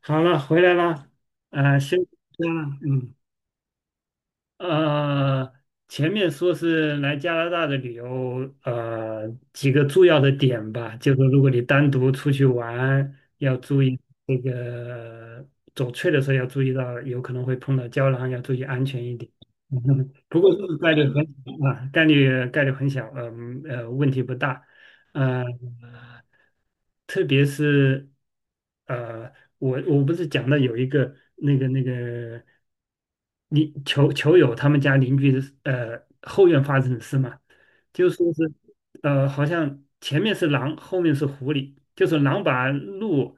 好了，回来了，嗯，休息一下了，嗯。呃，前面说是来加拿大的旅游，几个重要的点吧，就是如果你单独出去玩，要注意这个走翠的时候要注意到，有可能会碰到胶囊，要注意安全一点。不过这个概率很小啊，概率很小，问题不大，呃，特别是呃，我不是讲到有一个那个。你球友他们家邻居的后院发生的事嘛，就说是好像前面是狼，后面是狐狸，就是狼把鹿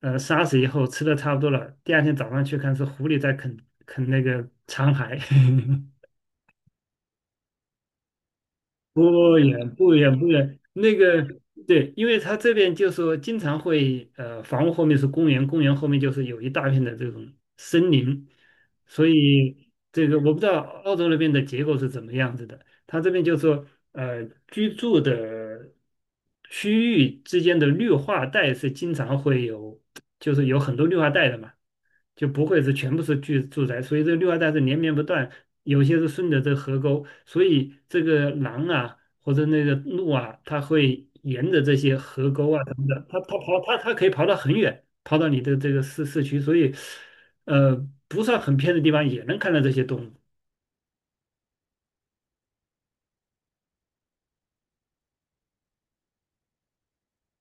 杀死以后吃的差不多了，第二天早上去看是狐狸在啃那个残骸，不远不远不远，那个对，因为他这边就说经常会，房屋后面是公园，公园后面就是有一大片的这种森林，所以这个我不知道澳洲那边的结构是怎么样子的。他这边就说呃，居住的区域之间的绿化带是经常会有，就是有很多绿化带的嘛。就不会是全部是住宅，所以这绿化带是连绵不断，有些是顺着这河沟，所以这个狼啊或者那个鹿啊，它会沿着这些河沟啊什么的，它可以跑到很远，跑到你的这个市区，所以呃不算很偏的地方也能看到这些动物，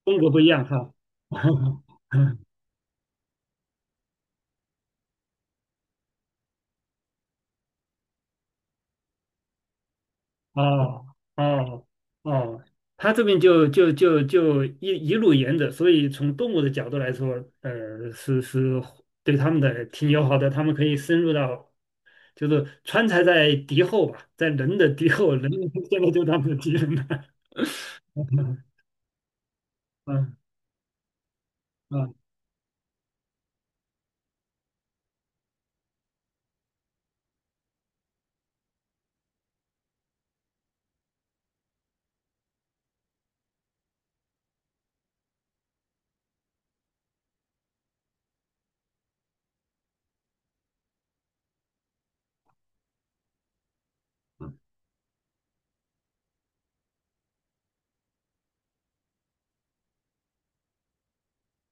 中国不一样哈。哦哦哦，他这边就一路沿着，所以从动物的角度来说，是对他们的挺友好的，他们可以深入到，就是川菜在敌后吧，在人的敌后，人 现在就是他们的敌人了。嗯嗯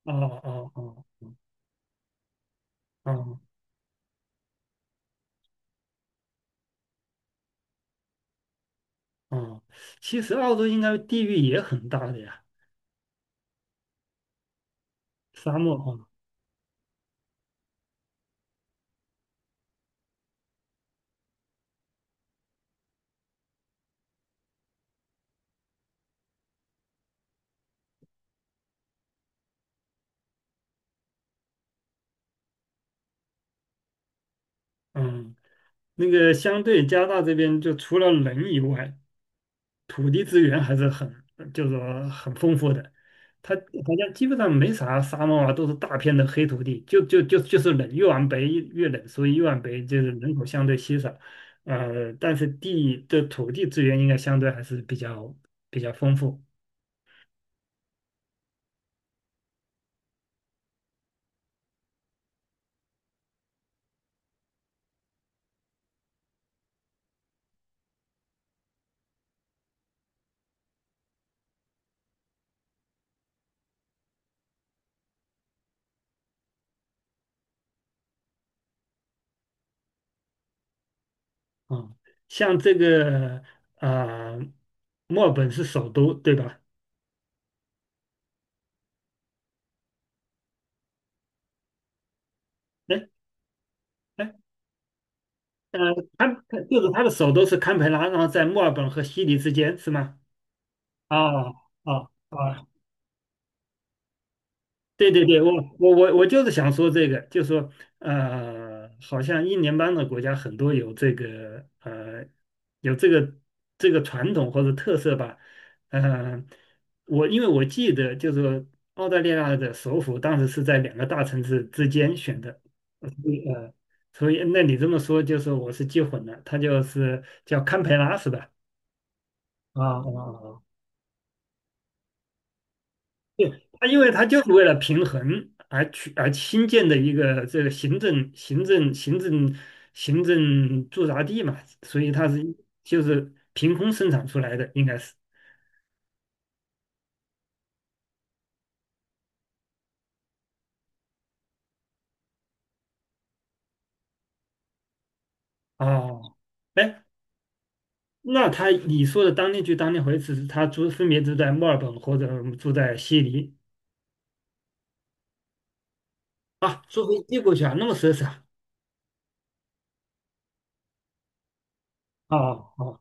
哦哦哦哦哦，其实澳洲应该地域也很大的呀，沙漠啊，嗯，那个相对加拿大这边就除了人以外。土地资源还是很，就是说很丰富的。它好像基本上没啥沙漠啊，都是大片的黑土地，就是冷，越往北越冷，所以越往北就是人口相对稀少。但是地的土地资源应该相对还是比较丰富啊。像这个啊、墨尔本是首都，对吧？哎哎呃，堪就是它的首都是堪培拉，然后在墨尔本和悉尼之间，是吗？啊啊啊！对对对，我就是想说这个，就说好像英联邦的国家很多有这个传统或者特色吧，呃，因为我记得就是说澳大利亚的首府当时是在两个大城市之间选的，呃所以呃，所以那你这么说就是我是记混了，它就是叫堪培拉是吧？啊啊啊！对，因为他就是为了平衡而新建的一个这个行政行政行政行政驻扎地嘛，所以就是凭空生产出来的，应该是。哦，哎，那你说的当天去当天回，只是他分别住在墨尔本或者住在悉尼啊，坐飞机过去啊，那么奢侈啊？哦哦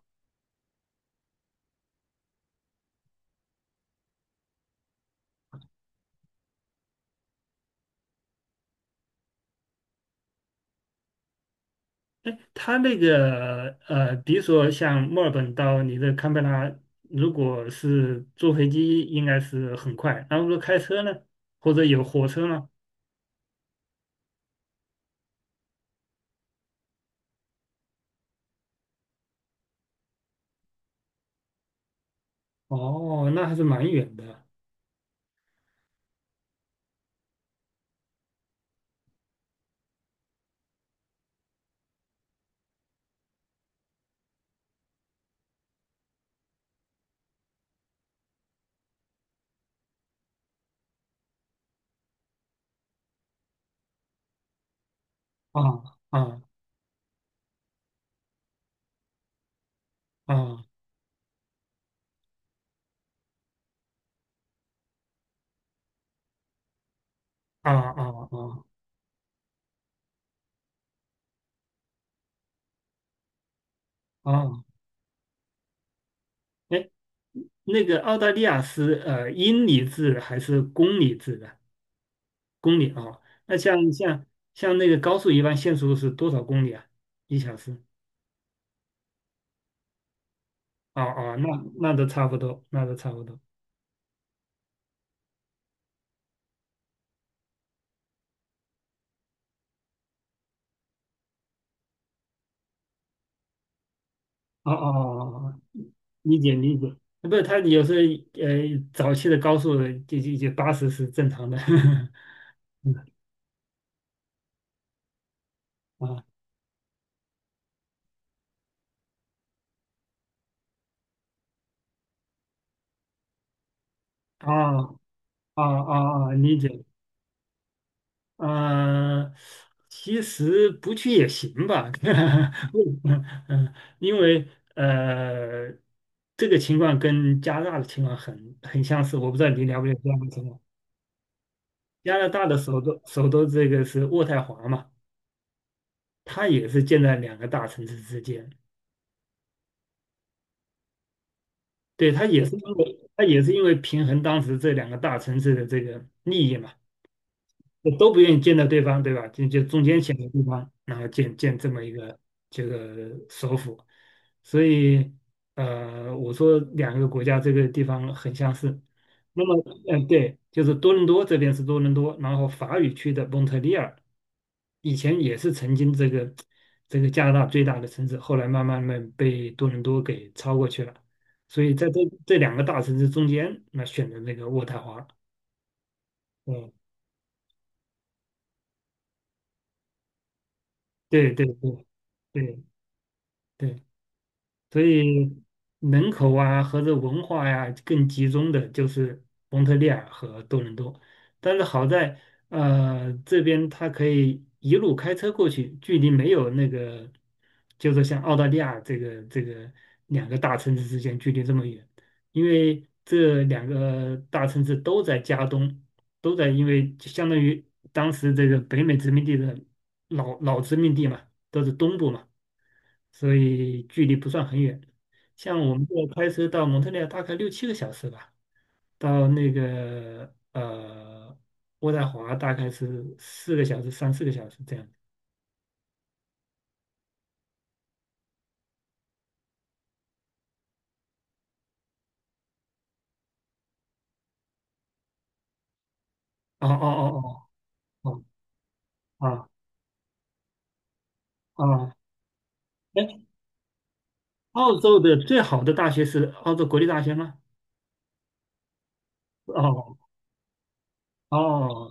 哎，它那个呃，比如说像墨尔本到你的堪培拉，如果是坐飞机，应该是很快。然后说开车呢，或者有火车呢？哦，那还是蛮远的啊啊啊啊啊啊啊！哎，那个澳大利亚是英里制还是公里制的？公里啊，那像那个高速一般限速是多少公里啊？1小时？哦哦，那都差不多，那都差不多。哦哦哦，哦，理解理解，哎不是他有时候呃早期的高速就80是正常的，嗯啊啊啊，哦哦，理解，啊，其实不去也行吧，嗯嗯，因为呃这个情况跟加拿大的情况很很相似，我不知道你了不了解加拿大情况，加拿大的首都这个是渥太华嘛。它也是建在两个大城市之间，对，他也是因为平衡当时这两个大城市的这个利益嘛，都不愿意见到对方，对吧？就中间选个地方，然后建这么一个这个首府，所以我说两个国家这个地方很相似。那么，嗯、对，就是多伦多这边是多伦多，然后法语区的蒙特利尔，以前也是曾经这个加拿大最大的城市，后来慢慢被多伦多给超过去了。所以在这两个大城市中间，那选的那个渥太华，嗯，对对对。对对，所以人口啊和这文化呀、更集中的就是蒙特利尔和多伦多，但是好在这边它可以一路开车过去，距离没有那个，就是像澳大利亚这个两个大城市之间距离这么远，因为这两个大城市都在加东，都在因为就相当于当时这个北美殖民地的。老殖民地嘛，都是东部嘛，所以距离不算很远。像我们这开车到蒙特利尔大概6、7个小时吧，到那个渥太华大概是四个小时、3、4个小时这样。哦哦哦哦哦哦哦！哎，澳洲的最好的大学是澳洲国立大学吗？哦哦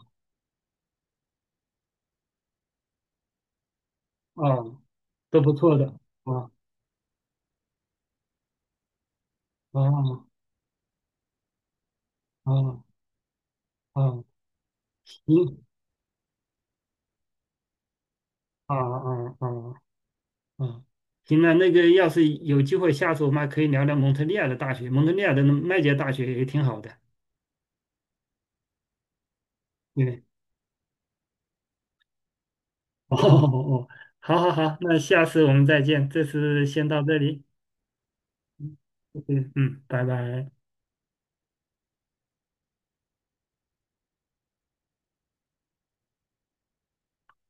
哦，都不错的。哦哦哦哦，行啊啊啊！哦哦啊，行了，那个要是有机会，下次我们还可以聊聊蒙特利尔的大学，蒙特利尔的麦杰大学也挺好的。对，哦哦哦，好好好，那下次我们再见，这次先到这里，嗯嗯，拜拜。